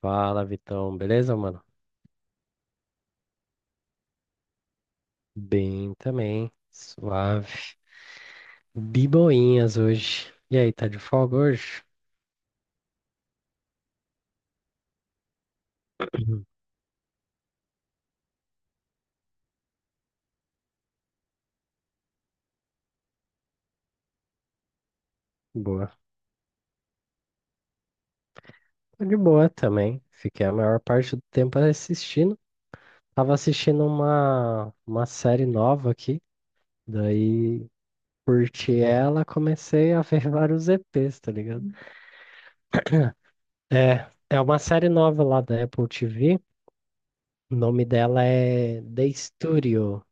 Fala, Vitão. Beleza, mano? Bem também. Suave. Biboinhas hoje. E aí, tá de folga hoje? Uhum. Boa. Tô de boa também. Fiquei a maior parte do tempo assistindo. Tava assistindo uma série nova aqui. Daí, curti ela, comecei a ver vários EPs, tá ligado? É uma série nova lá da Apple TV. O nome dela é The Studio.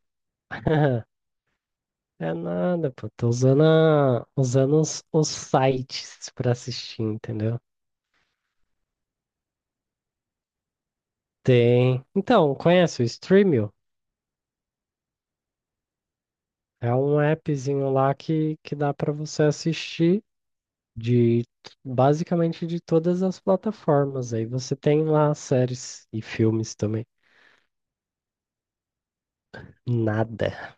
É nada, pô. Tô usando, usando os sites pra assistir, entendeu? Tem. Então, conhece o Streamio? É um appzinho lá que dá pra você assistir de basicamente de todas as plataformas. Aí você tem lá séries e filmes também. Nada.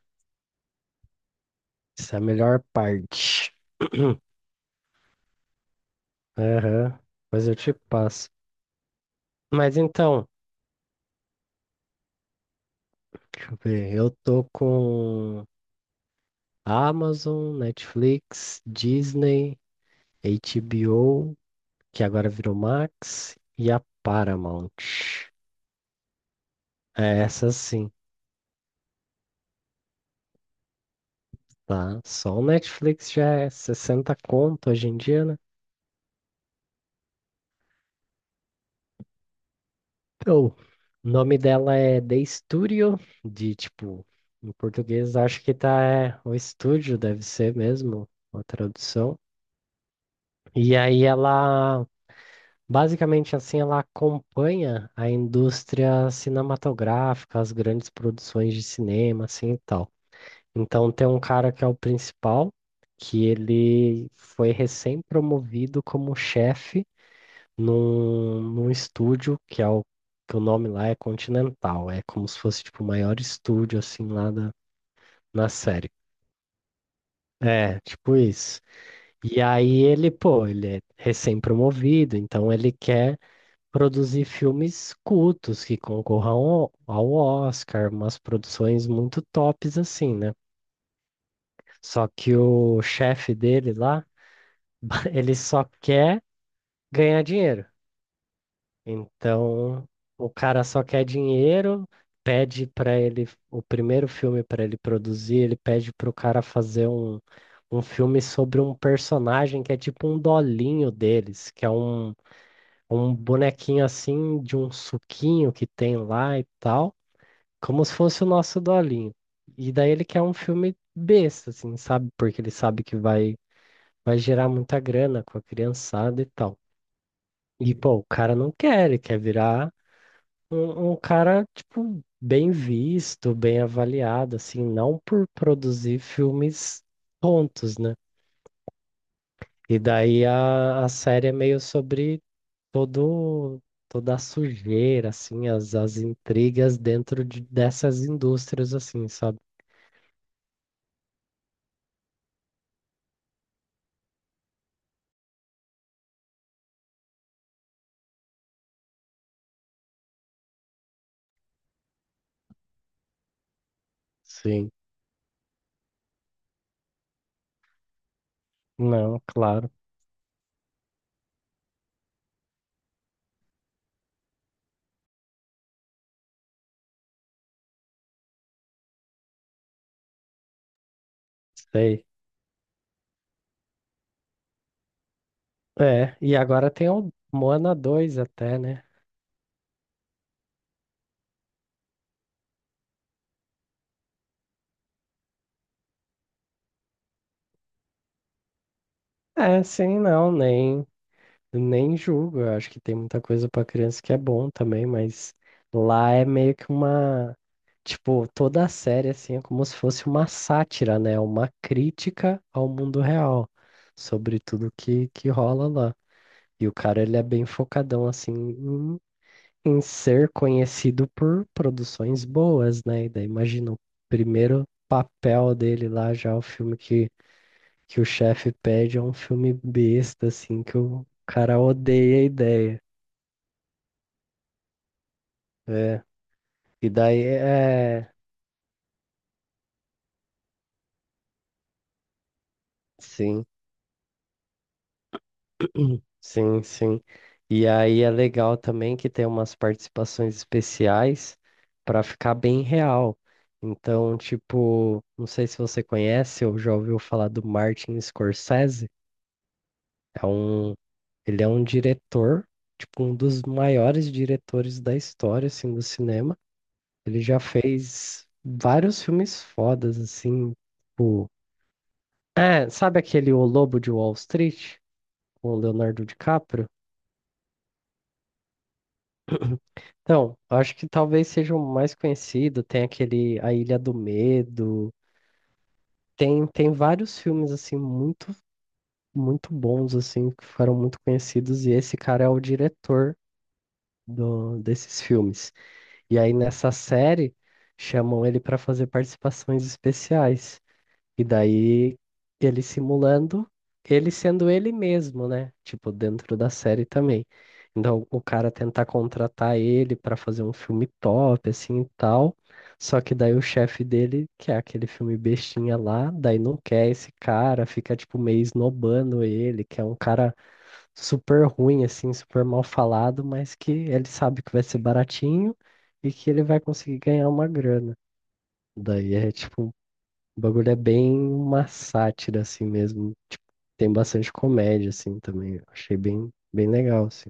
Isso é a melhor parte. Aham. Mas eu te passo. Mas então, deixa eu ver. Eu tô com. Amazon, Netflix, Disney, HBO, que agora virou Max, e a Paramount. É essa sim, tá? Só o Netflix já é 60 conto hoje em dia, né? Então, o nome dela é The Studio, de tipo, em português acho que tá é, o estúdio, deve ser mesmo a tradução. E aí ela basicamente, assim, ela acompanha a indústria cinematográfica, as grandes produções de cinema, assim e tal. Então, tem um cara que é o principal, que ele foi recém-promovido como chefe num estúdio que é o que o nome lá é Continental. É como se fosse tipo o maior estúdio assim lá da, na série. É, tipo isso. E aí ele, pô, ele é recém-promovido, então ele quer produzir filmes cultos que concorram ao Oscar, umas produções muito tops assim, né? Só que o chefe dele lá, ele só quer ganhar dinheiro. Então, o cara só quer dinheiro, pede para ele o primeiro filme para ele produzir, ele pede pro cara fazer um filme sobre um personagem que é tipo um dolinho deles, que é um bonequinho assim de um suquinho que tem lá e tal. Como se fosse o nosso dolinho. E daí ele quer um filme besta, assim, sabe? Porque ele sabe vai gerar muita grana com a criançada e tal. E, pô, o cara não quer, ele quer virar um cara, tipo, bem visto, bem avaliado, assim, não por produzir filmes tontos, né? E daí a série é meio sobre todo, toda a sujeira, assim, as intrigas dentro de, dessas indústrias, assim, sabe? Sim. Não, claro, sei. É, e agora tem o Moana 2 até, né? É, sim, não, nem julgo. Eu acho que tem muita coisa pra criança que é bom também, mas lá é meio que uma. Tipo, toda a série, assim, é como se fosse uma sátira, né? É uma crítica ao mundo real, sobre tudo que rola lá. E o cara, ele é bem focadão, assim, em ser conhecido por produções boas, né? E daí imagina o primeiro papel dele lá, já o filme que o chefe pede é um filme besta, assim, que o cara odeia a ideia. É. E daí é. Sim, sim. E aí é legal também que tem umas participações especiais para ficar bem real. Então, tipo, não sei se você conhece ou já ouviu falar do Martin Scorsese. É um Ele é um diretor, tipo, um dos maiores diretores da história, assim, do cinema. Ele já fez vários filmes fodas, assim, tipo... É, sabe aquele O Lobo de Wall Street, com o Leonardo DiCaprio? Então, eu acho que talvez seja o mais conhecido, tem aquele A Ilha do Medo, tem vários filmes, assim, muito bons, assim, que foram muito conhecidos, e esse cara é o diretor desses filmes. E aí nessa série chamam ele para fazer participações especiais. E daí ele simulando ele sendo ele mesmo, né? Tipo, dentro da série também. Então o cara tentar contratar ele para fazer um filme top assim e tal. Só que daí o chefe dele, que é aquele filme bestinha lá, daí não quer esse cara, fica tipo meio esnobando ele, que é um cara super ruim, assim, super mal falado, mas que ele sabe que vai ser baratinho e que ele vai conseguir ganhar uma grana. Daí é tipo, o bagulho é bem uma sátira, assim mesmo. Tipo, tem bastante comédia, assim, também. Eu achei bem legal, assim.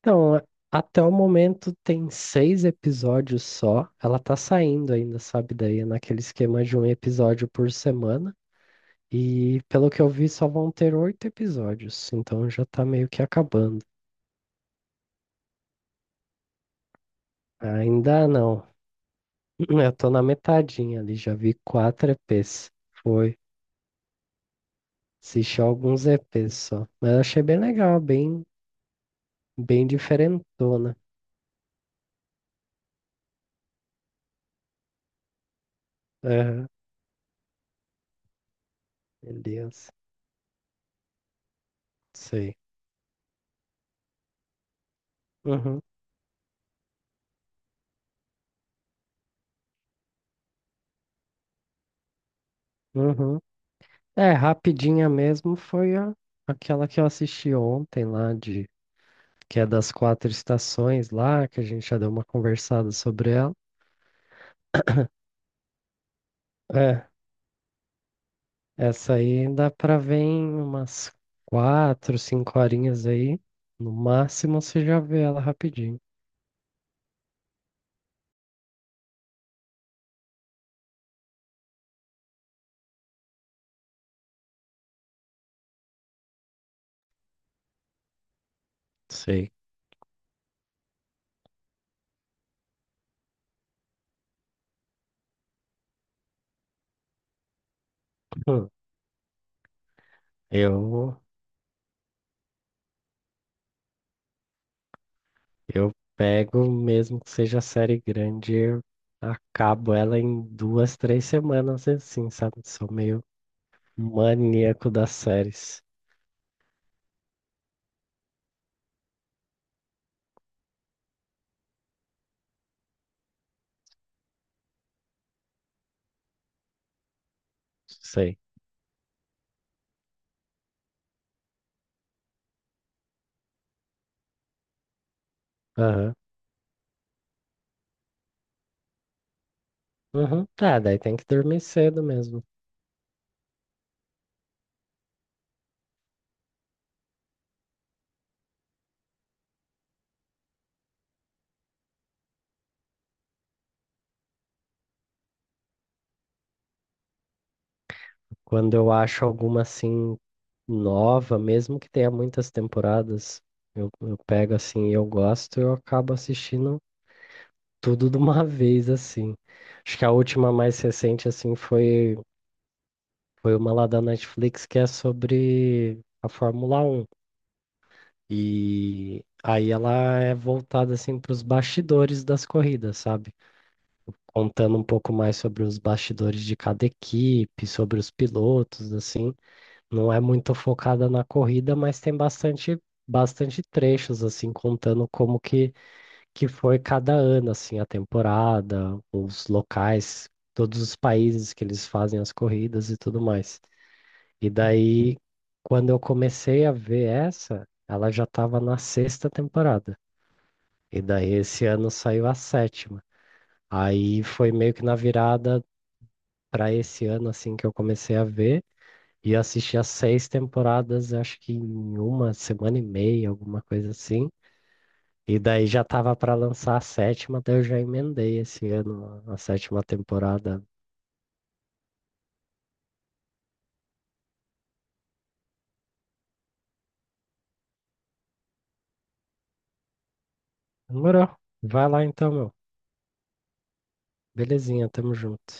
Então, a- Até o momento tem seis episódios só. Ela tá saindo ainda, sabe? Daí é naquele esquema de um episódio por semana. E pelo que eu vi, só vão ter oito episódios, então já tá meio que acabando. Ainda não. Eu tô na metadinha ali, já vi quatro EPs. Foi. Assisti alguns EPs só. Mas eu achei bem diferentona. Aham. Meu Deus. Sei. Uhum. Uhum. É, rapidinha mesmo foi aquela que eu assisti ontem lá, de, que é das quatro estações lá, que a gente já deu uma conversada sobre ela. É. Essa aí dá pra ver em umas quatro, cinco horinhas aí. No máximo você já vê ela rapidinho. Sei. Hum. Eu, eu pego, mesmo que seja série grande, eu acabo ela em duas, três semanas assim, sabe? Sou meio maníaco das séries. Sei. Aham. Uhum. Tá, daí tem que dormir cedo mesmo. Quando eu acho alguma assim nova, mesmo que tenha muitas temporadas, eu pego assim e eu gosto, eu acabo assistindo tudo de uma vez assim. Acho que a última mais recente assim foi uma lá da Netflix que é sobre a Fórmula 1. E aí ela é voltada assim para os bastidores das corridas, sabe? Contando um pouco mais sobre os bastidores de cada equipe, sobre os pilotos, assim. Não é muito focada na corrida, mas tem bastante trechos, assim, contando que foi cada ano, assim, a temporada, os locais, todos os países que eles fazem as corridas e tudo mais. E daí, quando eu comecei a ver essa, ela já estava na sexta temporada. E daí, esse ano saiu a sétima. Aí foi meio que na virada para esse ano, assim, que eu comecei a ver. E eu assisti as seis temporadas, eu acho que em uma semana e meia, alguma coisa assim. E daí já tava pra lançar a sétima, daí eu já emendei esse ano a sétima temporada. Demorou. Vai lá então, meu. Belezinha, tamo junto.